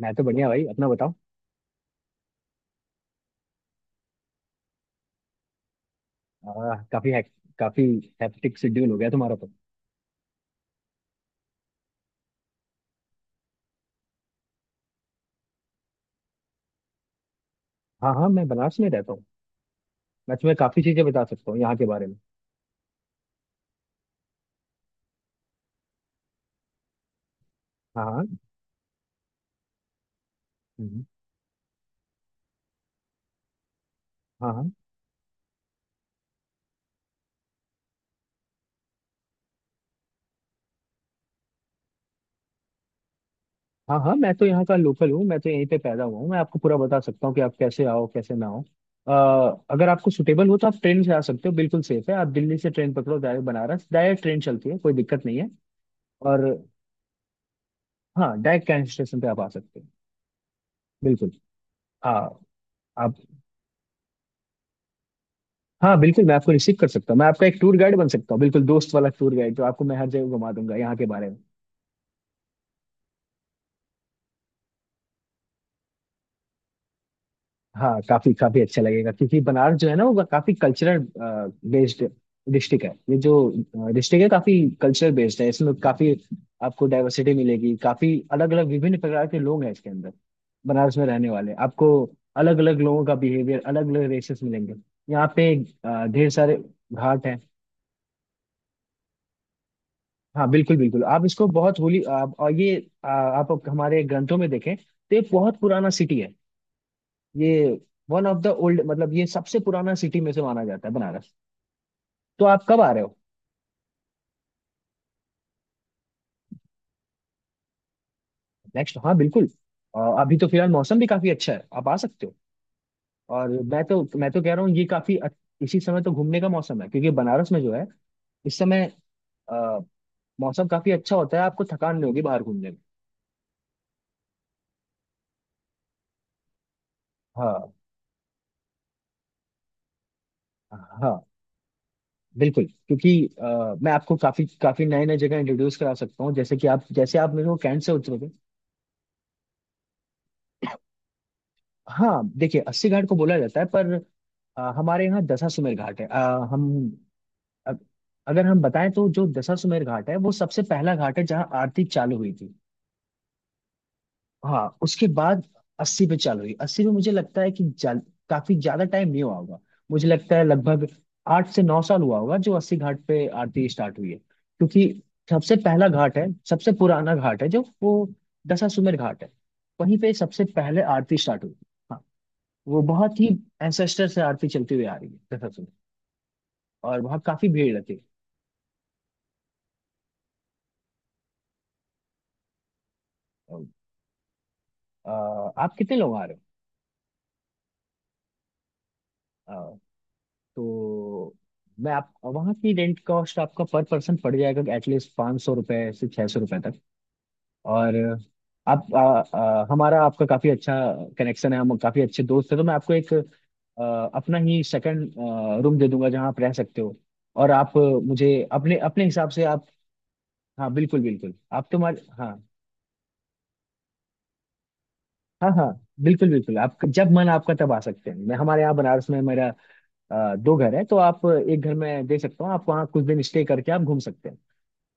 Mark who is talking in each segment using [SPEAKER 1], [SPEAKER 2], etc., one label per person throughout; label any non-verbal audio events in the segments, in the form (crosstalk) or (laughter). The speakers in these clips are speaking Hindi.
[SPEAKER 1] मैं तो बढ़िया भाई, अपना बताओ। आ, काफी हैक, काफी हेक्टिक शेड्यूल हो गया तुम्हारा तो। हाँ हाँ, मैं बनारस में रहता हूँ। मैं तुम्हें काफी चीजें बता सकता हूँ यहाँ के बारे में। हाँ हाँ। हम्म। हाँ हाँ। हाँ हाँ, मैं तो यहाँ का लोकल हूँ, मैं तो यहीं पे पैदा हुआ हूँ। मैं आपको पूरा बता सकता हूँ कि आप कैसे आओ, कैसे ना आओ। अगर आपको सुटेबल हो तो आप ट्रेन से आ सकते हो, बिल्कुल सेफ है। आप दिल्ली से ट्रेन पकड़ो, डायरेक्ट बनारस, डायरेक्ट ट्रेन चलती है, कोई दिक्कत नहीं है। और हाँ, डायरेक्ट कैंट स्टेशन पे आप आ सकते हो, बिल्कुल। हाँ आप हाँ बिल्कुल, मैं आपको रिसीव कर सकता हूँ। मैं आपका एक टूर गाइड बन सकता हूँ, बिल्कुल दोस्त वाला टूर गाइड जो आपको मैं हर जगह घुमा दूंगा यहाँ के बारे में। हाँ काफी काफी अच्छा लगेगा, क्योंकि बनारस जो है ना, वो काफी कल्चरल बेस्ड डिस्ट्रिक्ट है। ये जो डिस्ट्रिक्ट है, काफी कल्चरल बेस्ड है। इसमें काफी आपको डाइवर्सिटी मिलेगी, काफी अलग अलग विभिन्न प्रकार के लोग हैं इसके अंदर बनारस में रहने वाले। आपको अलग अलग लोगों का बिहेवियर, अलग अलग रेसेस मिलेंगे यहाँ पे। ढेर सारे घाट हैं। हाँ बिल्कुल बिल्कुल, आप इसको बहुत होली, आप और ये आप हमारे ग्रंथों में देखें तो ये बहुत पुराना सिटी है। ये वन ऑफ द ओल्ड, मतलब ये सबसे पुराना सिटी में से माना जाता है बनारस। तो आप कब आ रहे हो? नेक्स्ट हाँ बिल्कुल। अभी तो फिलहाल मौसम भी काफी अच्छा है, आप आ सकते हो। और मैं तो कह रहा हूँ ये काफी इसी समय तो घूमने का मौसम है, क्योंकि बनारस में जो है इस समय आ, मौसम काफी अच्छा होता है, आपको थकान नहीं होगी बाहर घूमने में। हाँ हाँ बिल्कुल, क्योंकि मैं आपको काफी काफी नए नए जगह इंट्रोड्यूस करा सकता हूँ, जैसे कि आप जैसे आप मेरे को कैंट से उतरोगे। हाँ देखिए, अस्सी घाट को बोला जाता है, पर हमारे यहाँ दशाश्वमेध घाट है। हम अ- अगर हम बताएं तो जो दशाश्वमेध घाट है वो सबसे पहला घाट है जहाँ आरती चालू हुई थी। हाँ उसके बाद अस्सी पे चालू हुई। अस्सी में मुझे लगता है कि काफी ज्यादा टाइम नहीं हुआ होगा। मुझे लगता है लगभग 8 से 9 साल हुआ होगा जो अस्सी घाट पे आरती स्टार्ट हुई है, क्योंकि सबसे पहला घाट है, सबसे पुराना घाट है जो वो दशाश्वमेध घाट है। वहीं पे सबसे पहले आरती स्टार्ट हुई। हाँ, वो बहुत ही एंसेस्टर से आरती चलती हुई आ रही है दशाश्वमेध, और वहाँ काफी भीड़ रहती है। आप कितने लोग आ रहे हो? तो मैं आप वहाँ की रेंट कॉस्ट आपका पर पर्सन पड़ जाएगा एटलीस्ट 500 रुपये से 600 रुपये तक। और आप आ, आ, हमारा आपका काफ़ी अच्छा कनेक्शन है, हम काफ़ी अच्छे दोस्त हैं, तो मैं आपको एक अपना ही सेकंड रूम दे दूंगा जहाँ आप रह सकते हो। और आप मुझे अपने अपने हिसाब से आप हाँ बिल्कुल बिल्कुल। आप तुम्हारे हाँ हाँ हाँ बिल्कुल बिल्कुल। आप जब मन आपका तब आ सकते हैं। मैं हमारे यहाँ बनारस में मेरा दो घर है, तो आप एक घर में दे सकता हूँ। आप वहाँ कुछ दिन स्टे करके आप घूम सकते हैं।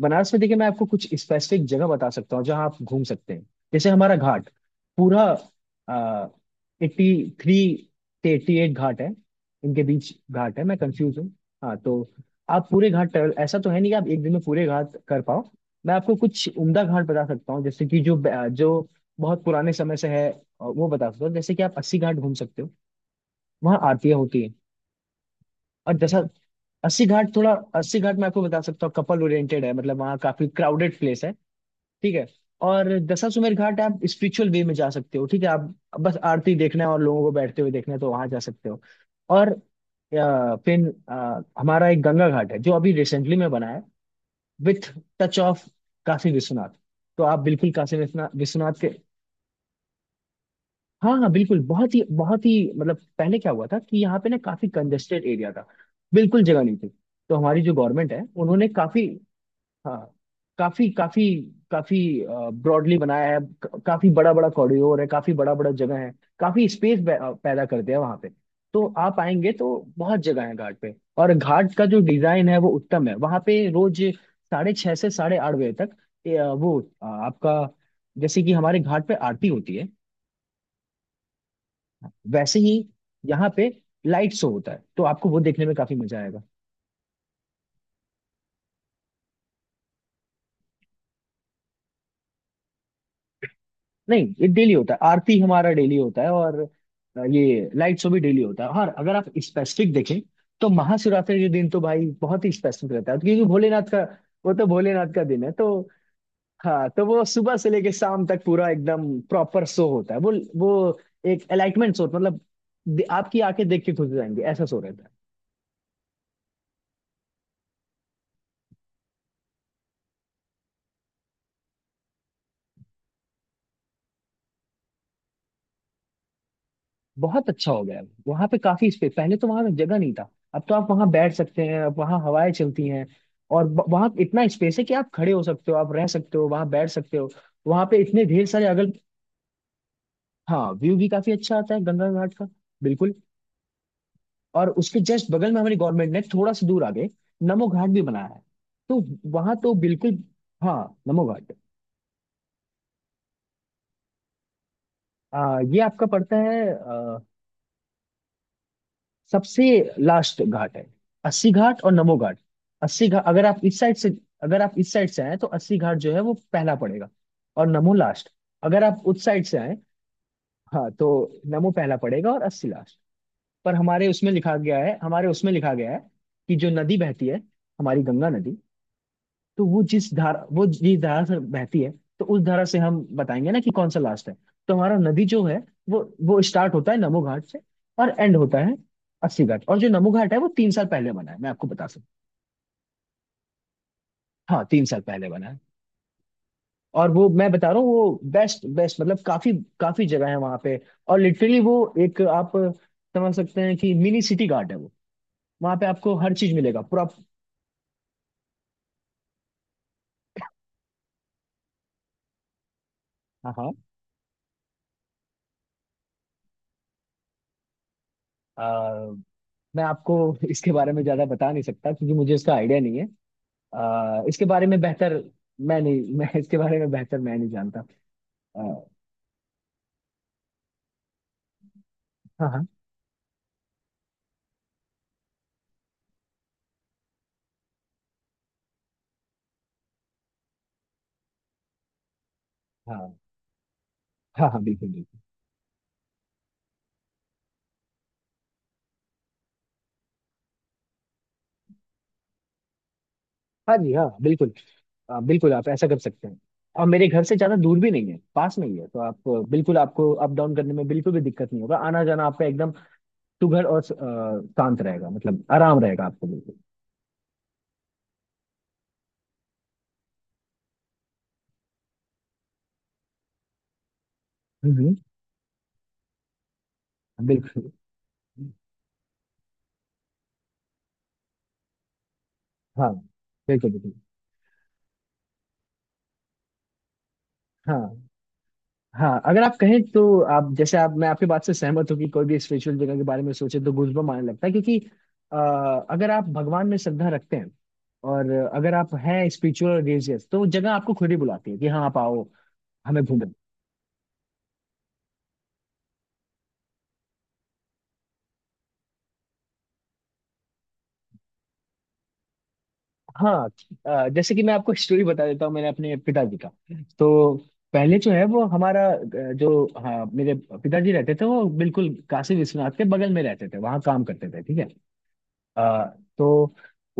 [SPEAKER 1] बनारस में देखिए, मैं आपको कुछ स्पेसिफिक जगह बता सकता हूँ जहाँ आप घूम सकते हैं। जैसे हमारा घाट पूरा 83 से 88 घाट है, इनके बीच घाट है, मैं कंफ्यूज हूँ। हाँ तो आप पूरे घाट ट्रेवल, ऐसा तो है नहीं कि आप एक दिन में पूरे घाट कर पाओ। मैं आपको कुछ उम्दा घाट बता सकता हूँ, जैसे कि जो बहुत पुराने समय से है, वो बता सकता हूँ। जैसे कि आप अस्सी घाट घूम सकते हो, वहाँ आरतियाँ होती हैं। और जैसा अस्सी घाट, थोड़ा अस्सी घाट मैं आपको बता सकता हूँ, कपल ओरिएंटेड है, मतलब वहाँ काफी क्राउडेड प्लेस है। ठीक है। और दशाश्वमेध घाट आप स्पिरिचुअल वे में जा सकते हो। ठीक है, आप बस आरती देखना है और लोगों को बैठते हुए देखना है तो वहां जा सकते हो। और हमारा एक गंगा घाट है जो अभी रिसेंटली में बना है, with touch of Kashi Vishwanath. तो आप बिल्कुल काशी विश्वनाथ विश्वनाथ के हाँ हाँ बिल्कुल। बहुत ही बहुत ही, मतलब पहले क्या हुआ था कि यहाँ पे ना काफी कंजेस्टेड एरिया था, बिल्कुल जगह नहीं थी। तो हमारी जो गवर्नमेंट है उन्होंने काफी हाँ काफी काफी काफी ब्रॉडली बनाया है। काफी बड़ा बड़ा कॉरिडोर है, काफी बड़ा बड़ा जगह है, काफी स्पेस पैदा करते हैं वहां पे। तो आप आएंगे तो बहुत जगह है घाट पे। और घाट का जो डिजाइन है वो उत्तम है। वहां पे रोज 6:30 से 8:30 बजे तक ए, अ, वो अ, आपका जैसे कि हमारे घाट पे आरती होती है, वैसे ही यहाँ पे लाइट शो होता है, तो आपको वो देखने में काफी मजा आएगा। नहीं ये डेली होता है, आरती हमारा डेली होता है। और ये लाइट शो भी डेली होता है। और अगर आप स्पेसिफिक देखें तो महाशिवरात्रि के दिन तो भाई बहुत ही स्पेसिफिक रहता है, क्योंकि भोलेनाथ का, वो तो भोलेनाथ का दिन है। तो हाँ, तो वो सुबह से लेके शाम तक पूरा एकदम प्रॉपर शो होता है। वो एक एलाइटमेंट शो, मतलब आपकी आंखें देख के खुश हो जाएंगी, ऐसा शो रहता है। बहुत अच्छा हो गया है वहां पे, काफी स्पेस। पहले तो वहां जगह नहीं था, अब तो आप वहां बैठ सकते हैं, अब वहां हवाएं चलती हैं। और वहां इतना स्पेस है कि आप खड़े हो सकते हो, आप रह सकते हो, वहां बैठ सकते हो। वहां पे इतने ढेर सारे अगल हाँ व्यू भी काफी अच्छा आता है गंगा घाट का, बिल्कुल। और उसके जस्ट बगल में हमारी गवर्नमेंट ने थोड़ा सा दूर आगे नमो घाट भी बनाया है, तो वहां तो बिल्कुल हाँ। नमो घाट ये आपका पड़ता है सबसे लास्ट घाट है, अस्सी घाट और नमो घाट। अस्सी घाट, अगर आप इस साइड से, अगर आप इस साइड से आए तो अस्सी घाट जो है वो पहला पड़ेगा और नमो लास्ट। अगर आप उस साइड से आए, हाँ, तो नमो पहला पड़ेगा और अस्सी लास्ट। पर हमारे उसमें लिखा गया है, हमारे उसमें लिखा गया है कि जो नदी बहती है, हमारी गंगा नदी, तो वो जिस धारा, वो जिस धारा से बहती है, तो उस धारा से हम बताएंगे ना कि कौन सा लास्ट है। तो हमारा नदी जो है वो स्टार्ट होता है नमो घाट से और एंड होता है अस्सी घाट। और जो नमो घाट है वो 3 साल पहले बना है, मैं आपको बता सकता हूँ। हाँ, 3 साल पहले बना है। और वो मैं बता रहा हूँ वो बेस्ट बेस्ट, मतलब काफी काफी जगह है वहां पे। और लिटरली वो एक आप समझ सकते हैं कि मिनी सिटी घाट है वो। वहां पे आपको हर चीज मिलेगा पूरा। हाँ हाँ अ, मैं आपको इसके बारे में ज्यादा बता नहीं सकता, क्योंकि मुझे इसका आइडिया नहीं है। इसके बारे में बेहतर मैं नहीं मैं (laughs) इसके बारे में बेहतर मैं नहीं जानता। आ, हाँ हाँ हाँ हाँ हाँ बिल्कुल बिल्कुल। हाँ जी हाँ बिल्कुल। बिल्कुल आप ऐसा कर सकते हैं। और मेरे घर से ज्यादा दूर भी नहीं है, पास में ही है। तो आप बिल्कुल आपको अप डाउन करने में बिल्कुल भी दिक्कत नहीं होगा। आना जाना आपका एकदम सुघड़ और शांत रहेगा, मतलब आराम रहेगा आपको, बिल्कुल। हम्म। हम्म। बिल्कुल, हाँ बिल्कुल बिल्कुल। हाँ हाँ, अगर आप कहें तो आप जैसे आप, मैं आपकी बात से सहमत हूँ कि कोई भी स्पिरिचुअल जगह के बारे में सोचे तो गूजबम्प आने लगता है, क्योंकि अ, अगर आप भगवान में श्रद्धा रखते हैं, और अगर आप हैं स्पिरिचुअल रिलीजियस, तो वो जगह आपको खुद ही बुलाती है कि हाँ आप आओ, हमें घूमें। हाँ जैसे कि मैं आपको स्टोरी बता देता हूँ, मैंने अपने पिताजी का। तो पहले जो है वो हमारा जो हाँ, मेरे पिताजी रहते थे वो बिल्कुल काशी विश्वनाथ के बगल में रहते थे, वहाँ काम करते थे, ठीक है। आ, तो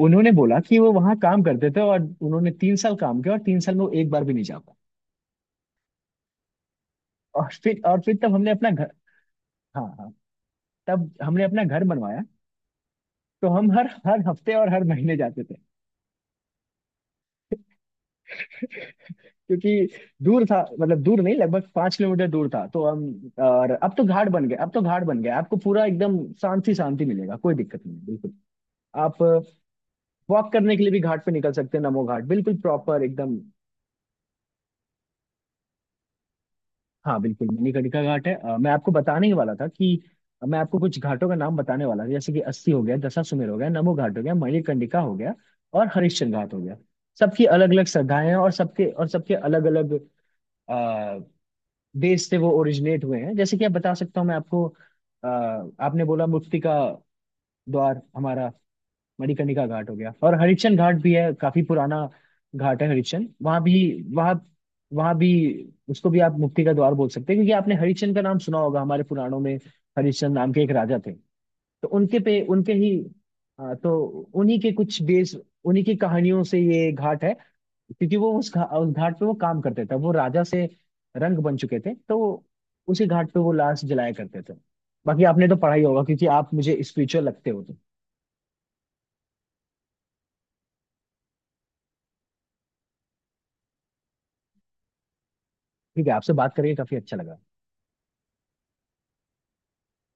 [SPEAKER 1] उन्होंने बोला कि वो वहां काम करते थे और उन्होंने तीन साल काम किया, और 3 साल में वो एक बार भी नहीं जा पाए। और फिर तब हमने अपना घर, हाँ हाँ, तब हमने अपना घर बनवाया। तो हम हर हर हफ्ते और हर महीने जाते थे, क्योंकि दूर था, मतलब दूर नहीं, लगभग 5 किलोमीटर दूर था। तो हम, और अब तो घाट बन गए, अब तो घाट बन गया। आपको पूरा एकदम शांति शांति मिलेगा, कोई दिक्कत नहीं है, बिल्कुल। आप वॉक करने के लिए भी घाट पे निकल सकते हैं, नमो घाट बिल्कुल प्रॉपर एकदम। हाँ बिल्कुल मणिकर्णिका घाट है। मैं आपको बताने ही वाला था कि मैं आपको कुछ घाटों का नाम बताने वाला था। जैसे कि अस्सी हो गया, दशाश्वमेध हो गया, नमो घाट हो गया, मणिकर्णिका हो गया, और हरिश्चंद्र घाट हो गया। सबकी अलग अलग श्रद्धाएं हैं, और सबके अलग अलग देश से वो ओरिजिनेट हुए हैं। जैसे कि आप, बता सकता हूँ मैं आपको आपने बोला मुक्ति का द्वार, हमारा मणिकर्णिका घाट हो गया, और हरिश्चंद्र घाट भी है, काफी पुराना घाट है हरिश्चंद्र। वहां भी, वहां वहां भी उसको भी आप मुक्ति का द्वार बोल सकते हैं, क्योंकि आपने हरिश्चंद्र का नाम सुना होगा हमारे पुराणों में, हरिश्चंद्र नाम के एक राजा थे। तो उनके पे उनके ही हाँ, तो उन्हीं के कुछ बेस उन्हीं की कहानियों से ये घाट है, क्योंकि वो उस घाट पे वो काम करते थे, वो राजा से रंग बन चुके थे, तो वो उसी घाट पे वो लाश जलाया करते थे। बाकी आपने तो पढ़ा ही होगा, क्योंकि आप मुझे स्पिरिचुअल लगते हो तो। ठीक है, आपसे बात करके काफी अच्छा लगा।